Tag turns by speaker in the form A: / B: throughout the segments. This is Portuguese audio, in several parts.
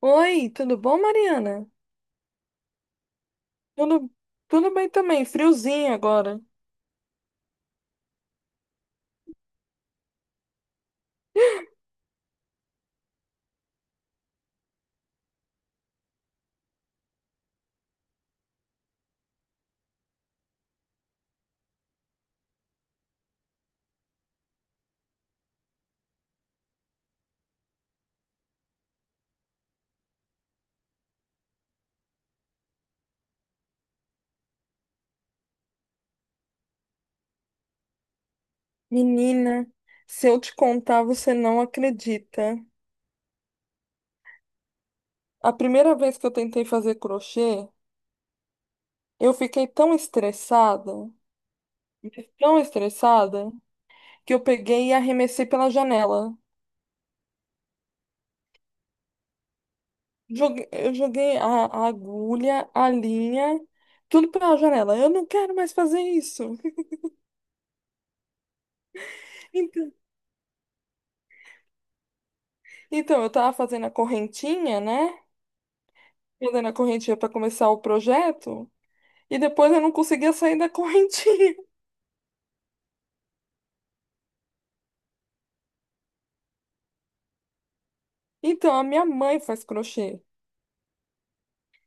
A: Oi, tudo bom, Mariana? Tudo, tudo, bem também, friozinho agora. Menina, se eu te contar, você não acredita. A primeira vez que eu tentei fazer crochê, eu fiquei tão estressada, que eu peguei e arremessei pela janela. Eu joguei a agulha, a linha, tudo pela janela. Eu não quero mais fazer isso. Então, então eu tava fazendo a correntinha, né? Fazendo a correntinha para começar o projeto. E depois eu não conseguia sair da correntinha. Então, a minha mãe faz crochê.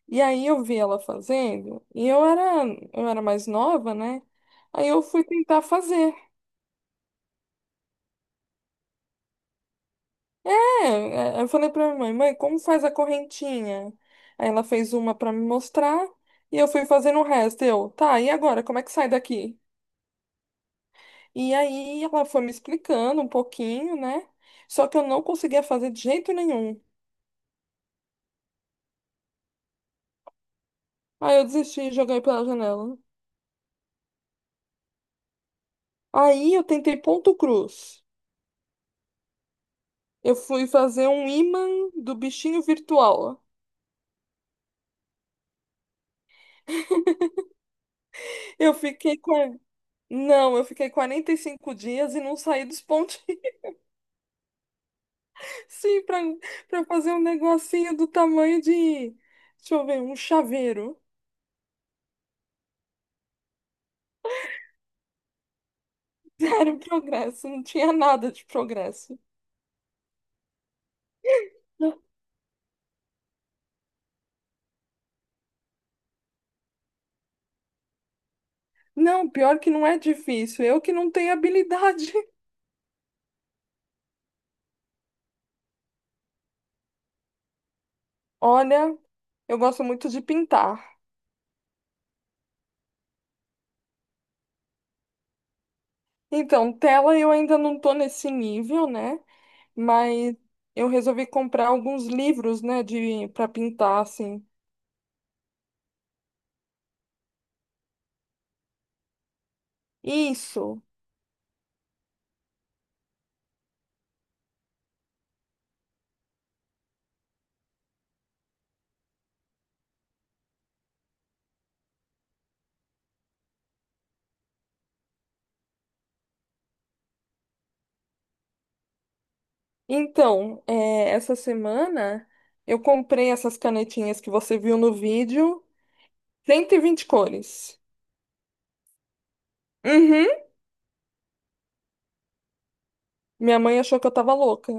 A: E aí eu vi ela fazendo, eu era mais nova, né? Aí eu fui tentar fazer. É, é, eu falei pra minha mãe, mãe, como faz a correntinha? Aí ela fez uma pra me mostrar, e eu fui fazendo o resto. Eu, tá, e agora, como é que sai daqui? E aí ela foi me explicando um pouquinho, né? Só que eu não conseguia fazer de jeito nenhum. Aí eu desisti e joguei pela janela. Aí eu tentei ponto cruz. Eu fui fazer um imã do bichinho virtual. Eu fiquei com. Não, eu fiquei 45 dias e não saí dos pontinhos. Sim, pra, pra fazer um negocinho do tamanho de. Deixa eu ver, um chaveiro. Zero progresso, não tinha nada de progresso. Não, não, pior que não é difícil, eu que não tenho habilidade. Olha, eu gosto muito de pintar. Então, tela eu ainda não tô nesse nível, né? Mas eu resolvi comprar alguns livros, né, de para pintar assim. Isso. Então, essa semana eu comprei essas canetinhas que você viu no vídeo, 120 cores. Uhum. Minha mãe achou que eu tava louca.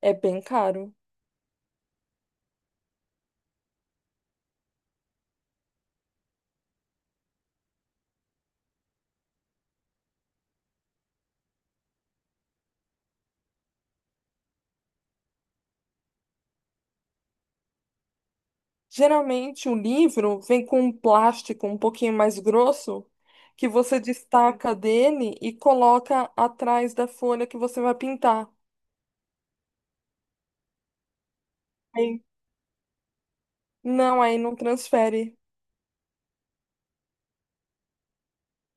A: É bem caro. Geralmente o livro vem com um plástico um pouquinho mais grosso que você destaca dele e coloca atrás da folha que você vai pintar. Aí- Não, aí não transfere.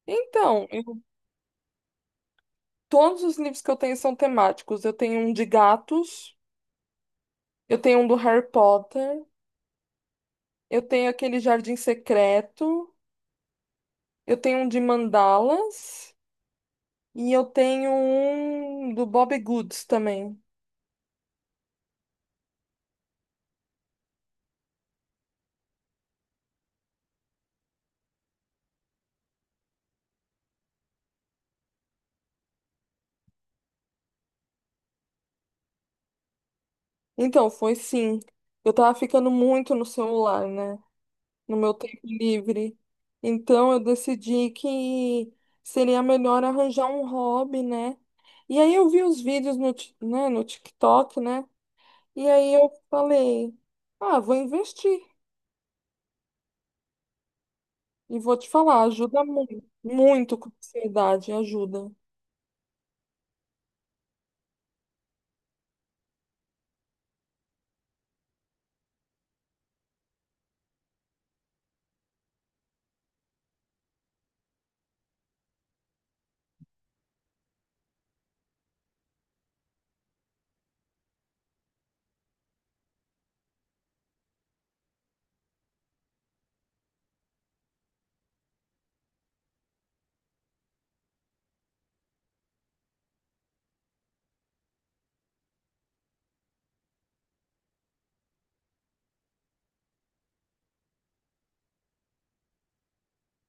A: Então, eu- todos os livros que eu tenho são temáticos. Eu tenho um de gatos, eu tenho um do Harry Potter, eu tenho aquele Jardim Secreto, eu tenho um de mandalas e eu tenho um do Bob Goods também. Então, foi sim. Eu tava ficando muito no celular, né? No meu tempo livre. Então, eu decidi que seria melhor arranjar um hobby, né? E aí eu vi os vídeos no, no TikTok, né? E aí eu falei, ah, vou investir. E vou te falar, ajuda muito, muito com a ansiedade, ajuda.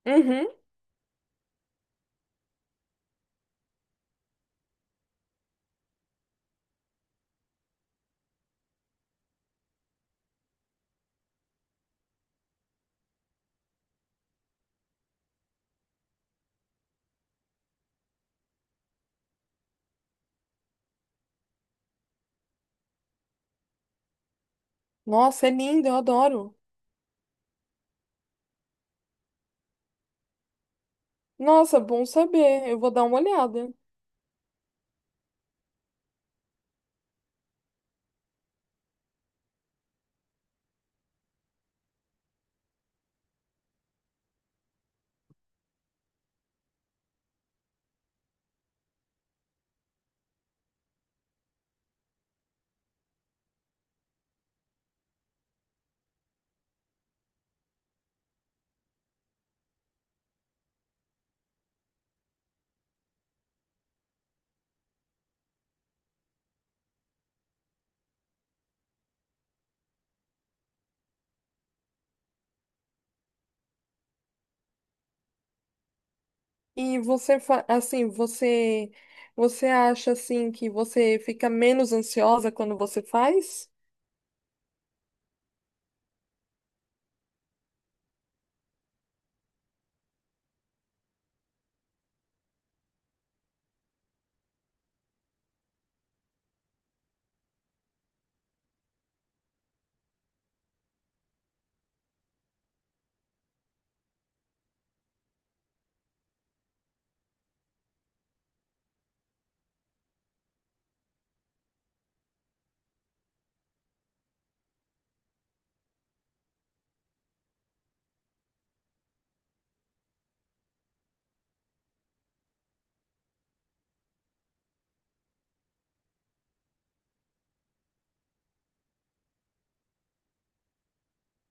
A: Uhum. Nossa, é lindo, eu adoro. Nossa, bom saber, eu vou dar uma olhada. E você, você acha, assim, que você fica menos ansiosa quando você faz?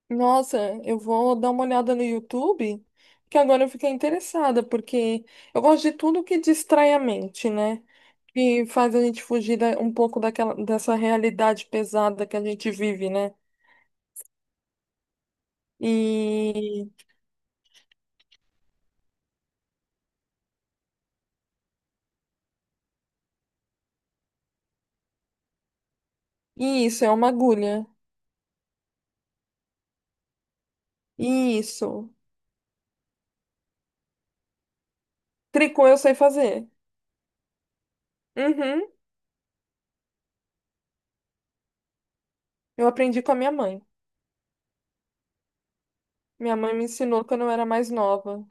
A: Nossa, eu vou dar uma olhada no YouTube, que agora eu fiquei interessada, porque eu gosto de tudo que distrai a mente, né? Que faz a gente um pouco daquela, dessa realidade pesada que a gente vive, né? E, e isso, é uma agulha. E isso. Tricô eu sei fazer. Uhum. Eu aprendi com a minha mãe. Minha mãe me ensinou quando eu era mais nova.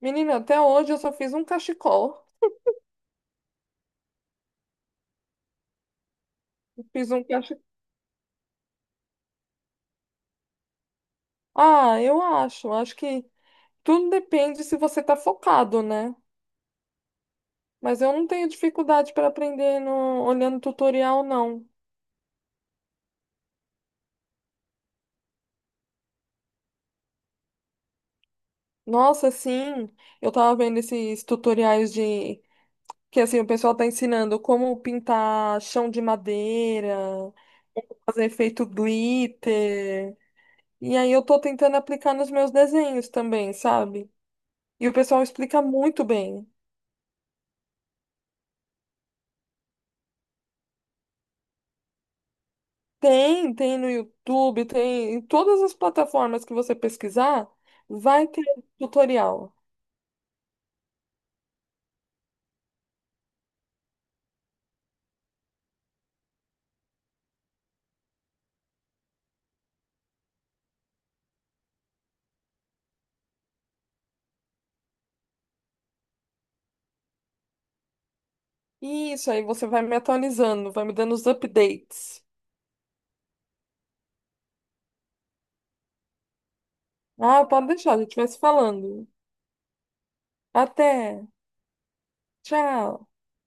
A: Menina, até hoje eu só fiz um cachecol. Eu fiz um cachecol. Ah, eu acho. Acho que. tudo depende se você tá focado, né? Mas eu não tenho dificuldade para aprender olhando tutorial, não. Nossa, sim, eu tava vendo esses tutoriais de que assim o pessoal tá ensinando como pintar chão de madeira, fazer efeito glitter. E aí eu tô tentando aplicar nos meus desenhos também, sabe? E o pessoal explica muito bem. Tem, tem no YouTube, tem em todas as plataformas que você pesquisar, vai ter tutorial. Isso, aí você vai me atualizando, vai me dando os updates. Ah, pode deixar, a gente vai se falando. Até. Tchau.